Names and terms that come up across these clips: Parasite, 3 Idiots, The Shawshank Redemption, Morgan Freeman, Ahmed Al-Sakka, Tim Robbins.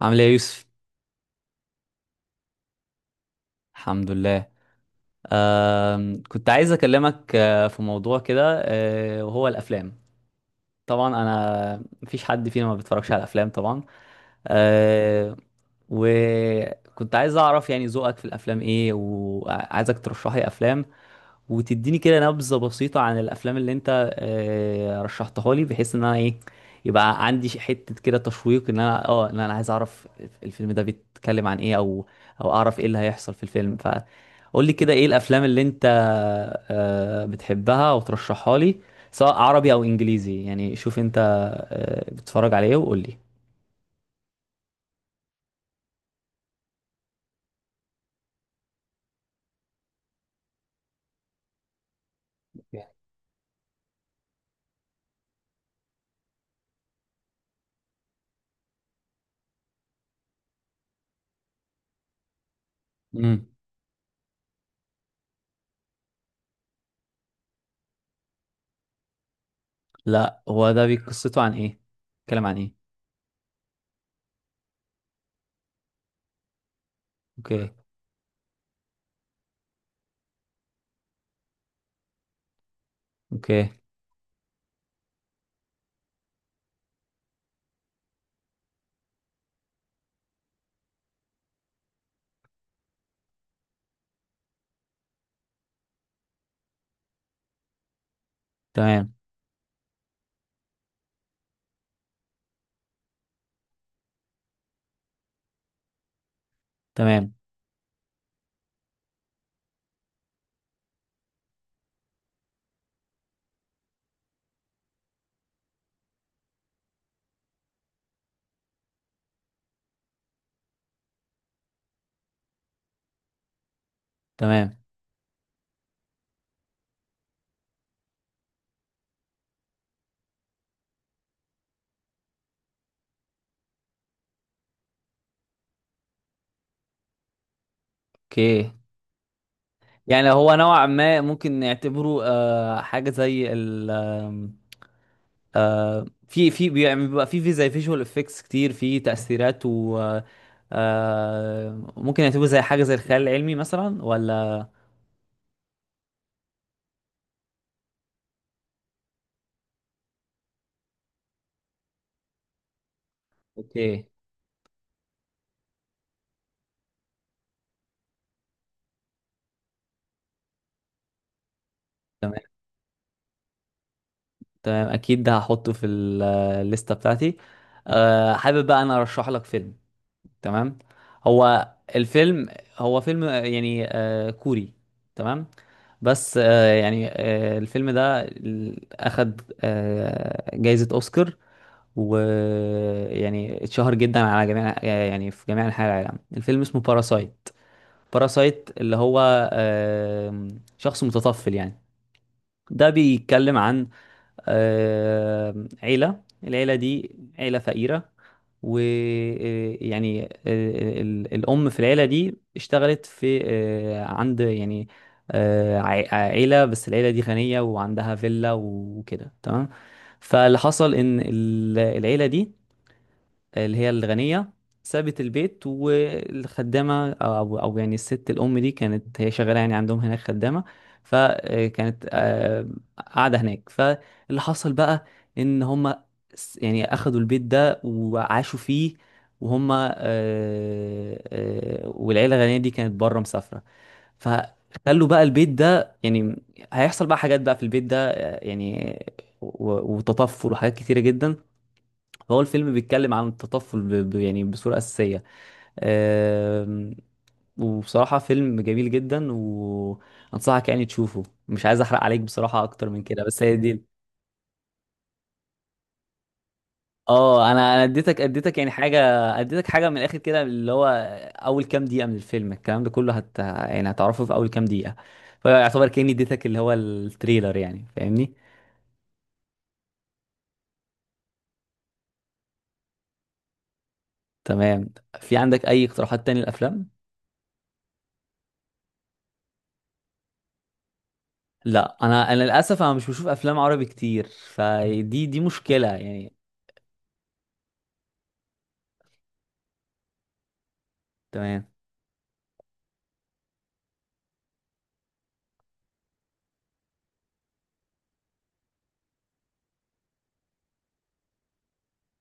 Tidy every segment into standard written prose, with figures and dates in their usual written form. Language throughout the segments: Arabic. عامل ايه يا يوسف؟ الحمد لله. كنت عايز اكلمك، في موضوع كده، وهو الافلام. طبعا انا مفيش حد فينا ما بيتفرجش على الافلام، طبعا. أه وكنت عايز اعرف يعني ذوقك في الافلام ايه، وعايزك ترشح لي افلام وتديني كده نبذة بسيطة عن الافلام اللي انت رشحتها لي، بحيث ان انا ايه، يبقى عندي حتة كده تشويق، ان انا عايز اعرف الفيلم ده بيتكلم عن ايه، او اعرف ايه اللي هيحصل في الفيلم. فقول لي كده ايه الافلام اللي انت بتحبها وترشحها لي، سواء عربي او انجليزي. يعني شوف انت بتتفرج على ايه، وقول لي. لا، هو ده قصته عن ايه؟ بيتكلم عن ايه؟ اوكي. اوكي، تمام. تمام. تمام. اوكي. يعني هو نوعا ما ممكن نعتبره آه حاجه زي ال آم، في يعني بيبقى في زي فيجوال افكتس كتير في تاثيرات و آه، ممكن نعتبره زي حاجه زي الخيال العلمي مثلا، ولا؟ اوكي، تمام. تمام اكيد، ده هحطه في الليسته بتاعتي. حابب بقى انا ارشح لك فيلم. تمام. هو الفيلم، هو فيلم يعني كوري. تمام. بس يعني الفيلم ده أخد جايزة أوسكار، ويعني اتشهر جدا على جميع يعني في جميع أنحاء العالم. الفيلم اسمه باراسايت. باراسايت اللي هو شخص متطفل، يعني. ده بيتكلم عن عيلة. العيلة دي عيلة فقيرة، ويعني الأم في العيلة دي اشتغلت في عند يعني عيلة. بس العيلة دي غنية وعندها فيلا وكده، تمام. فاللي حصل إن العيلة دي، اللي هي الغنية، سابت البيت والخدامة، أو يعني الست الأم دي كانت هي شغالة، يعني عندهم هناك خدامة. فكانت قاعدة هناك. فاللي حصل بقى إن هما يعني أخدوا البيت ده وعاشوا فيه. وهما والعيلة الغنية دي كانت بره مسافرة. فخلوا بقى البيت ده، يعني هيحصل بقى حاجات بقى في البيت ده، يعني وتطفل وحاجات كتيرة جدا. هو الفيلم بيتكلم عن التطفل، يعني بصورة أساسية. آم، وبصراحة فيلم جميل جدا، وأنصحك يعني تشوفه. مش عايز أحرق عليك بصراحة أكتر من كده، بس هي دي. اه، انا اديتك يعني حاجه، اديتك حاجه من الاخر كده، اللي هو اول كام دقيقه من الفيلم الكلام ده كله يعني هتعرفه في اول كام دقيقه. فيعتبر كاني اديتك اللي هو التريلر، يعني، فاهمني. تمام. في عندك اي اقتراحات تاني للافلام؟ لا، انا للاسف انا مش بشوف افلام عربي كتير، فدي دي مشكله يعني. تمام.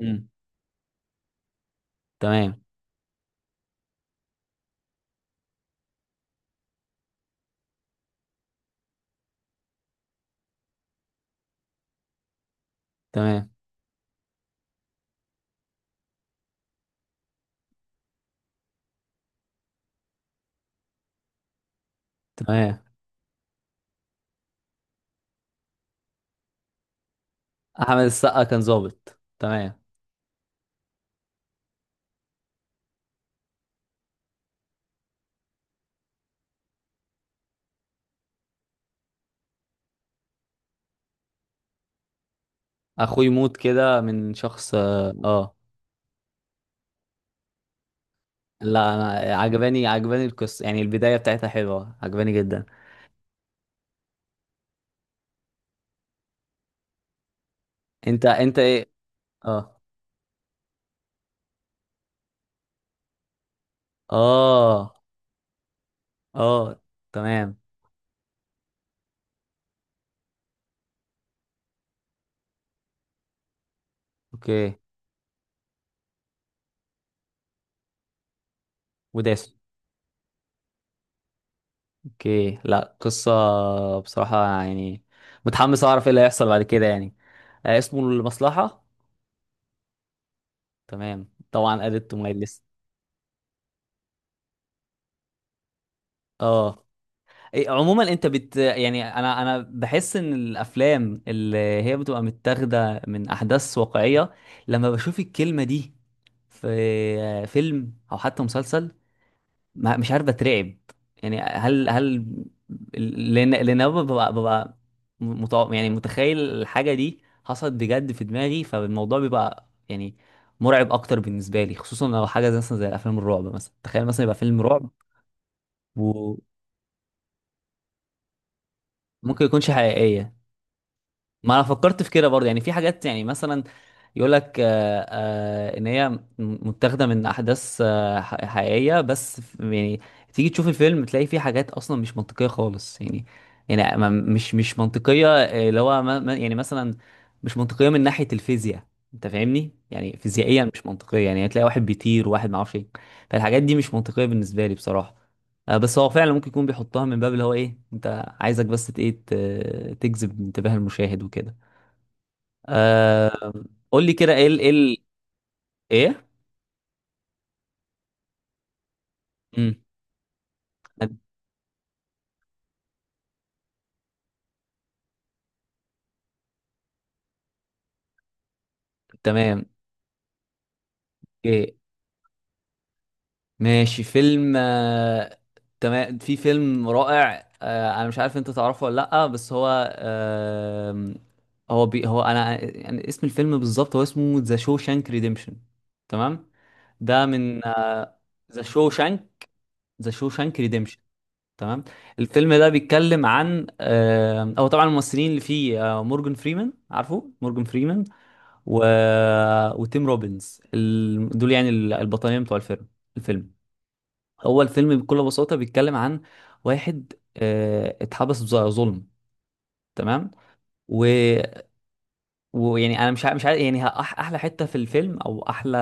مم. تمام. تمام. تمام. احمد السقا كان ظابط، تمام. اخوي موت كده من شخص، اه. لا، انا عجباني القصه، يعني البدايه بتاعتها حلوه، عجباني جدا. انت ايه؟ اه. اه. اه. تمام. اوكي. وداس. اوكي، لا قصه. بصراحه يعني متحمس اعرف ايه اللي هيحصل بعد كده، يعني. اسمه المصلحه. تمام، طبعا added to my list. اه. عموما انت يعني انا بحس ان الافلام اللي هي بتبقى متاخده من احداث واقعيه، لما بشوف الكلمه دي في فيلم او حتى مسلسل، مش عارف، بترعب. يعني هل لان أنا ببقى يعني متخيل الحاجه دي حصلت بجد في دماغي. فالموضوع بيبقى يعني مرعب اكتر بالنسبه لي، خصوصا لو حاجه زي مثلا زي افلام الرعب مثلا. تخيل مثلا يبقى فيلم رعب وممكن يكونش حقيقيه. ما انا فكرت في كده برضه، يعني في حاجات يعني مثلا يقول لك ان هي متاخده من احداث حقيقيه، بس يعني تيجي تشوف الفيلم تلاقي فيه حاجات اصلا مش منطقيه خالص، يعني. يعني مش منطقيه، اللي هو يعني مثلا مش منطقيه من ناحيه الفيزياء. انت فاهمني، يعني فيزيائيا مش منطقيه. يعني هتلاقي واحد بيطير، وواحد ما اعرفش ايه. فالحاجات دي مش منطقيه بالنسبه لي، بصراحه. بس هو فعلا ممكن يكون بيحطها من باب اللي هو ايه، انت عايزك بس ايه تجذب انتباه المشاهد وكده. آه. قول لي كده ايه ال ايه. امم. تمام. ايه. ماشي، فيلم تمام. في فيلم رائع انا مش عارف انت تعرفه ولا لا، بس هو هو بي هو يعني اسم الفيلم بالظبط، هو اسمه ذا شوشانك ريديمشن. تمام. ده من. ذا شوشانك. ذا شوشانك. تمام. الفيلم ده بيتكلم عن هو طبعا الممثلين اللي فيه مورجان فريمان، عارفه مورجان فريمان؟ و... وتيم روبنز ال... دول يعني البطلين بتوع الفيلم. الفيلم، هو الفيلم بكل بساطة بيتكلم عن واحد اتحبس بظلم. تمام. ويعني انا مش عارف، يعني احلى حته في الفيلم او احلى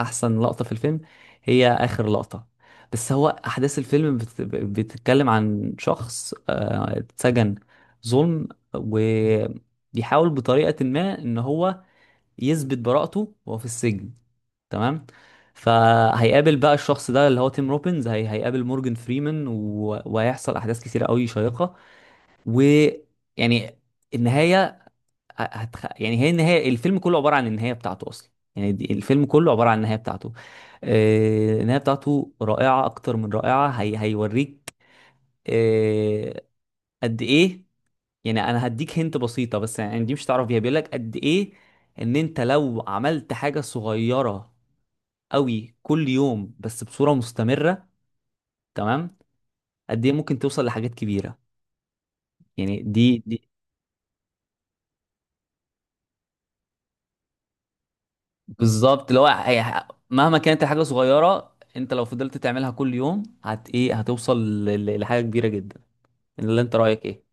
احسن لقطه في الفيلم هي اخر لقطه. بس هو احداث الفيلم بتتكلم عن شخص اتسجن ظلم، وبيحاول بطريقه ما ان هو يثبت براءته وهو في السجن. تمام. فهيقابل بقى الشخص ده اللي هو تيم روبنز، هيقابل مورجان فريمان، وهيحصل احداث كتيره قوي شيقه. ويعني النهايه، يعني هي النهايه، الفيلم كله عباره عن النهايه بتاعته اصلا. يعني الفيلم كله عباره عن النهايه بتاعته. النهايه بتاعته رائعه، اكتر من رائعه. هيوريك. آه، قد ايه. يعني انا هديك هنت بسيطه، بس يعني دي مش هتعرف بيها. بيقول لك قد ايه ان انت لو عملت حاجه صغيره قوي كل يوم، بس بصوره مستمره. تمام. قد ايه ممكن توصل لحاجات كبيره. يعني دي. بالظبط، اللي هو مهما كانت الحاجه صغيره، انت لو فضلت تعملها كل يوم ايه، هتوصل لحاجه كبيره جدا. اللي انت رايك ايه؟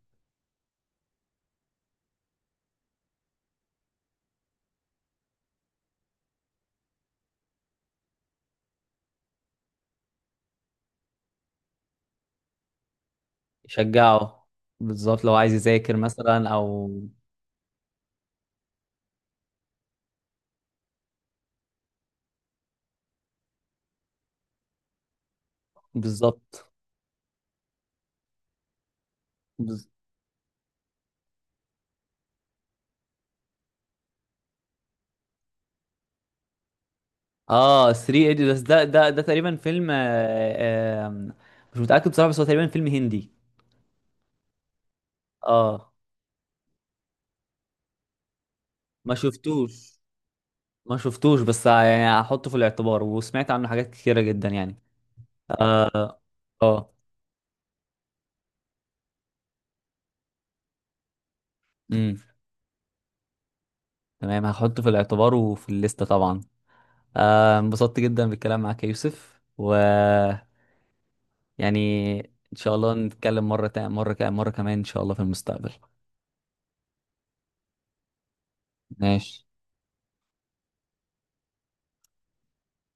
شجعه. بالظبط، لو عايز يذاكر مثلا او. بالظبط. بز- اه، 3 ايديوتس، ده ده ده تقريبا فيلم آه، آم، مش متاكد بصراحه، بس هو تقريبا فيلم هندي. اه. ما شفتوش. ما شفتوش، بس يعني هحطه في الاعتبار، وسمعت عنه حاجات كتيره جدا يعني. اه. اه. امم. تمام، هحطه في الاعتبار وفي الليستة طبعا. انبسطت جدا بالكلام معاك يا يوسف، و... يعني ان شاء الله نتكلم مرة تاني، مرة كمان، مرة كمان ان شاء الله في المستقبل. ماشي.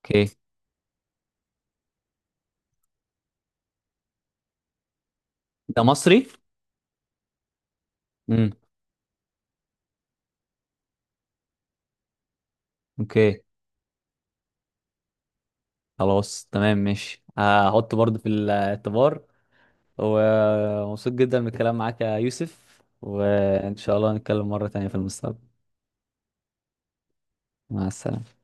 اوكي. انت مصري؟ امم. اوكي. خلاص، تمام ماشي، هحطه برضه في الاعتبار. ومبسوط جدا بالكلام معاك يا يوسف، وان شاء الله نتكلم مرة تانية في المستقبل. مع السلامة.